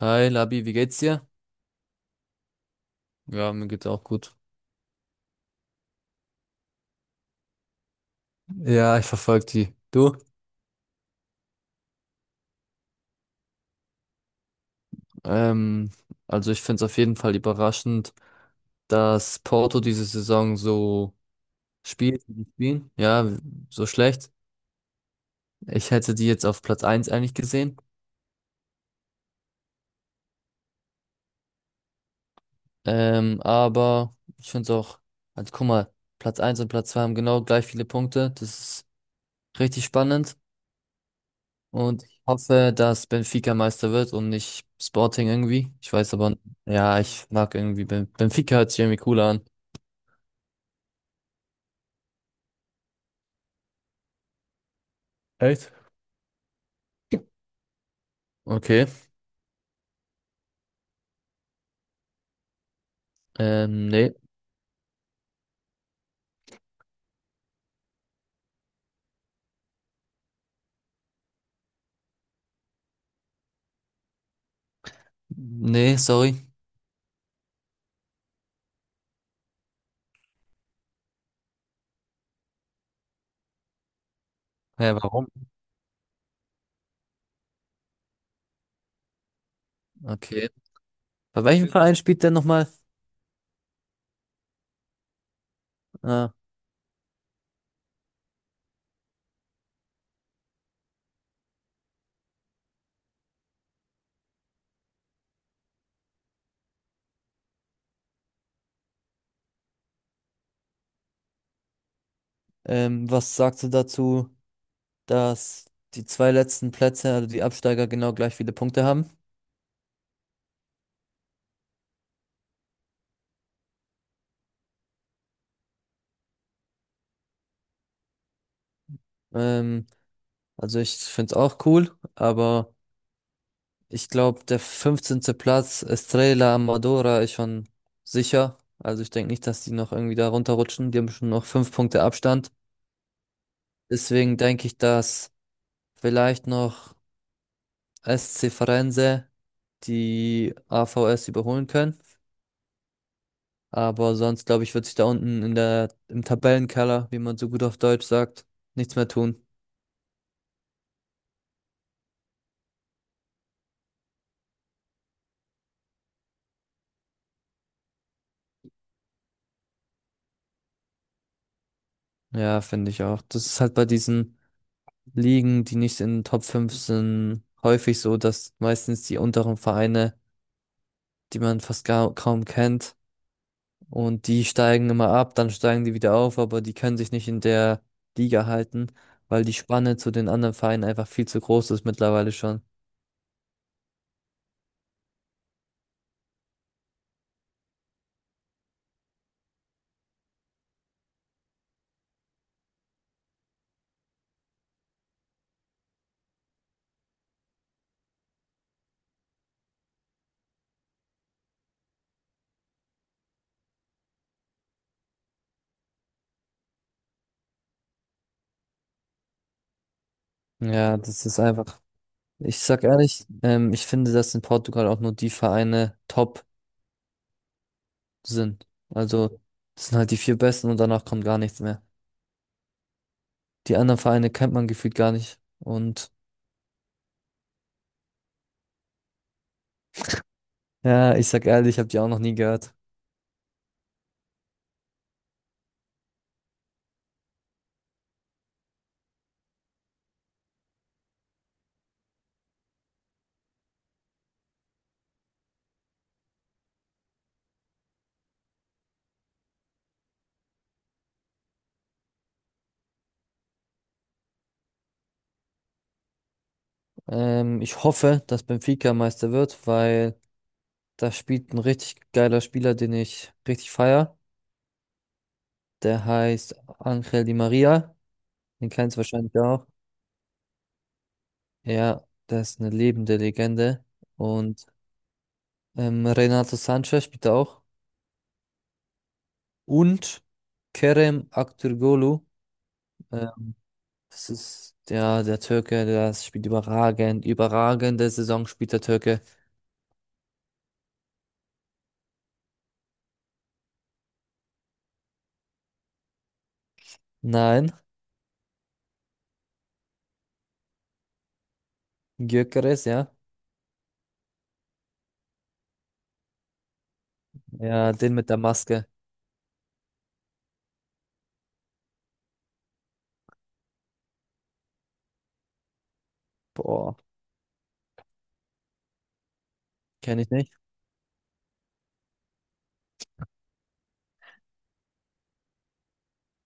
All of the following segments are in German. Hi Labi, wie geht's dir? Ja, mir geht's auch gut. Ja, ich verfolge die. Du? Ähm, also ich finde es auf jeden Fall überraschend, dass Porto diese Saison so spielt, wie sie spielen. Ja, so schlecht. Ich hätte die jetzt auf Platz eins eigentlich gesehen. Aber ich finde es auch, also guck mal, Platz eins und Platz 2 haben genau gleich viele Punkte. Das ist richtig spannend. Und ich hoffe, dass Benfica Meister wird und nicht Sporting irgendwie. Ich weiß aber, ja, ich mag irgendwie Benfica hört sich irgendwie cooler an. Echt? Okay. Nee. Nee, sorry. Hä, warum? Okay. Bei welchem Verein spielt der nochmal? Ah, was sagst du dazu, dass die zwei letzten Plätze, also die Absteiger, genau gleich viele Punkte haben? Ähm, also ich finde es auch cool, aber. Ich glaube, der fünfzehnte Platz, Estrella Amadora, ist schon sicher. Also ich denke nicht, dass die noch irgendwie da runterrutschen. Die haben schon noch fünf Punkte Abstand. Deswegen denke ich, dass vielleicht noch SC Firenze die AVS überholen können. Aber sonst, glaube ich, wird sich da unten im Tabellenkeller, wie man so gut auf Deutsch sagt, nichts mehr tun. Ja, finde ich auch. Das ist halt bei diesen Ligen, die nicht in den Top 5 sind, häufig so, dass meistens die unteren Vereine die man kaum kennt. Und die steigen immer ab, dann steigen die wieder auf, aber die können sich nicht in der Liga halten, weil die Spanne zu den anderen Vereinen einfach viel zu groß ist mittlerweile schon. Ja, das ist einfach, ich sag ehrlich, ich finde, dass in Portugal auch nur die Vereine top sind. Also, das sind halt die vier besten und danach kommt gar nichts mehr. Die anderen Vereine kennt man gefühlt gar nicht. Und ja, ich sag ehrlich, ich habe die auch noch nie gehört. Ich hoffe, dass Benfica Meister wird, weil da spielt ein richtig geiler Spieler, den ich richtig feier. Der heißt Ángel Di María. Den kennst du wahrscheinlich auch. Ja, der ist eine lebende Legende. Und Renato Sanchez spielt da auch. Und Kerem Aktürkoğlu. Äh, Das ist der Türke, der spielt überragend. Überragende Saison spielt der Türke. Nein, Gyökeres, ja. Ja, den mit der Maske. Boah, kenne ich nicht.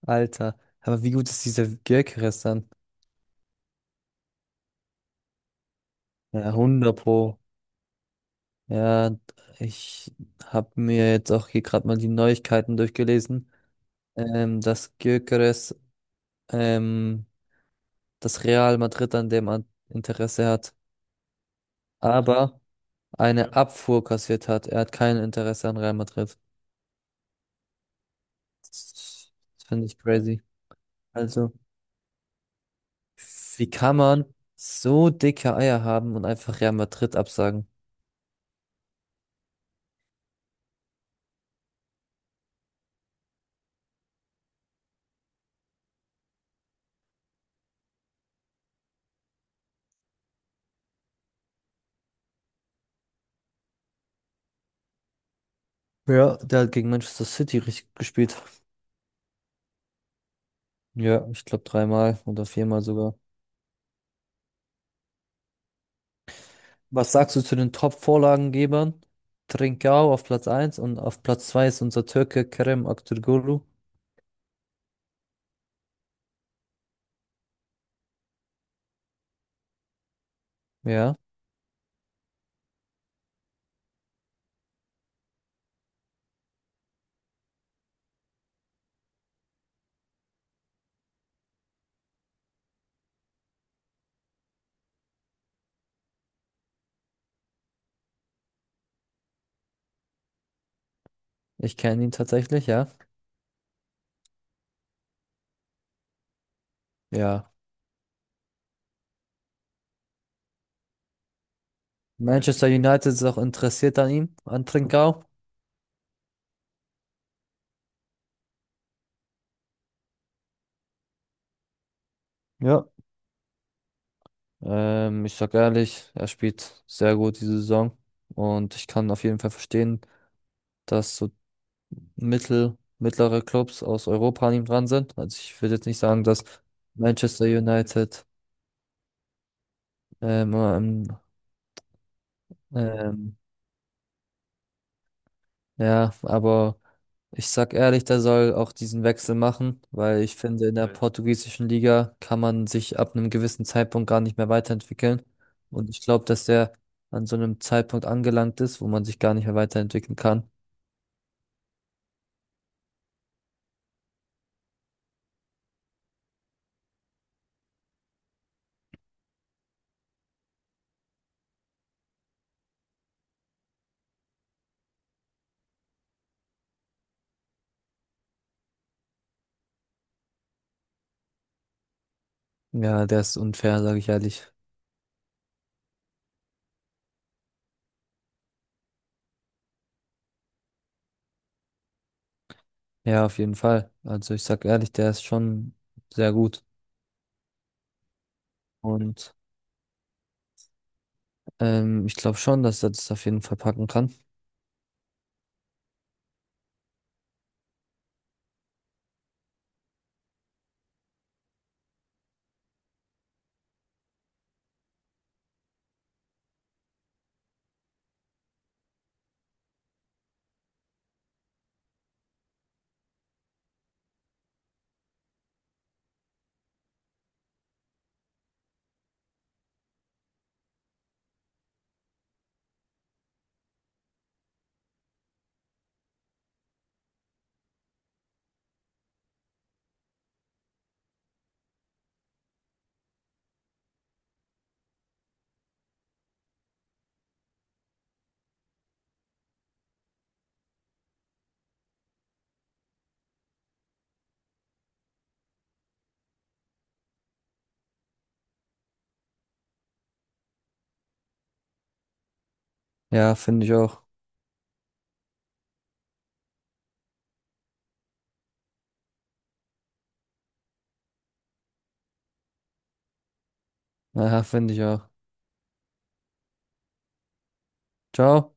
Alter. Aber wie gut ist dieser Gyökeres dann? Ja, 100 Pro. Ja, ich habe mir jetzt auch hier gerade mal die Neuigkeiten durchgelesen, dass Gyökeres ähm, das Real Madrid an Interesse hat, aber eine Ja. Abfuhr kassiert hat. Er hat kein Interesse an Real Madrid. Das finde ich crazy. Also, wie kann man so dicke Eier haben und einfach Real Madrid absagen? Ja, der hat gegen Manchester City richtig gespielt. Ja, ich glaube dreimal oder viermal sogar. Was sagst du zu den Top-Vorlagengebern? Trincao auf Platz eins und auf Platz 2 ist unser Türke Kerem Aktürkoğlu. Ja, ich kenne ihn tatsächlich, ja. Ja. Manchester United ist auch interessiert an ihm, an Trincao. Ja. Ich sag ehrlich, er spielt sehr gut diese Saison und ich kann auf jeden Fall verstehen, dass so mittlere Clubs aus Europa an ihm dran sind. Also ich würde jetzt nicht sagen, dass Manchester United ähm, ähm, ähm, ja, aber ich sag ehrlich, der soll auch diesen Wechsel machen, weil ich finde, in der portugiesischen Liga kann man sich ab einem gewissen Zeitpunkt gar nicht mehr weiterentwickeln. Und ich glaube, dass der an so einem Zeitpunkt angelangt ist, wo man sich gar nicht mehr weiterentwickeln kann. Ja, der ist unfair, sage ich ehrlich. Ja, auf jeden Fall. Also ich sag ehrlich, der ist schon sehr gut. Und ich glaube schon, dass er das auf jeden Fall packen kann. Ja, finde ich auch. Ja, finde ich auch. Ciao.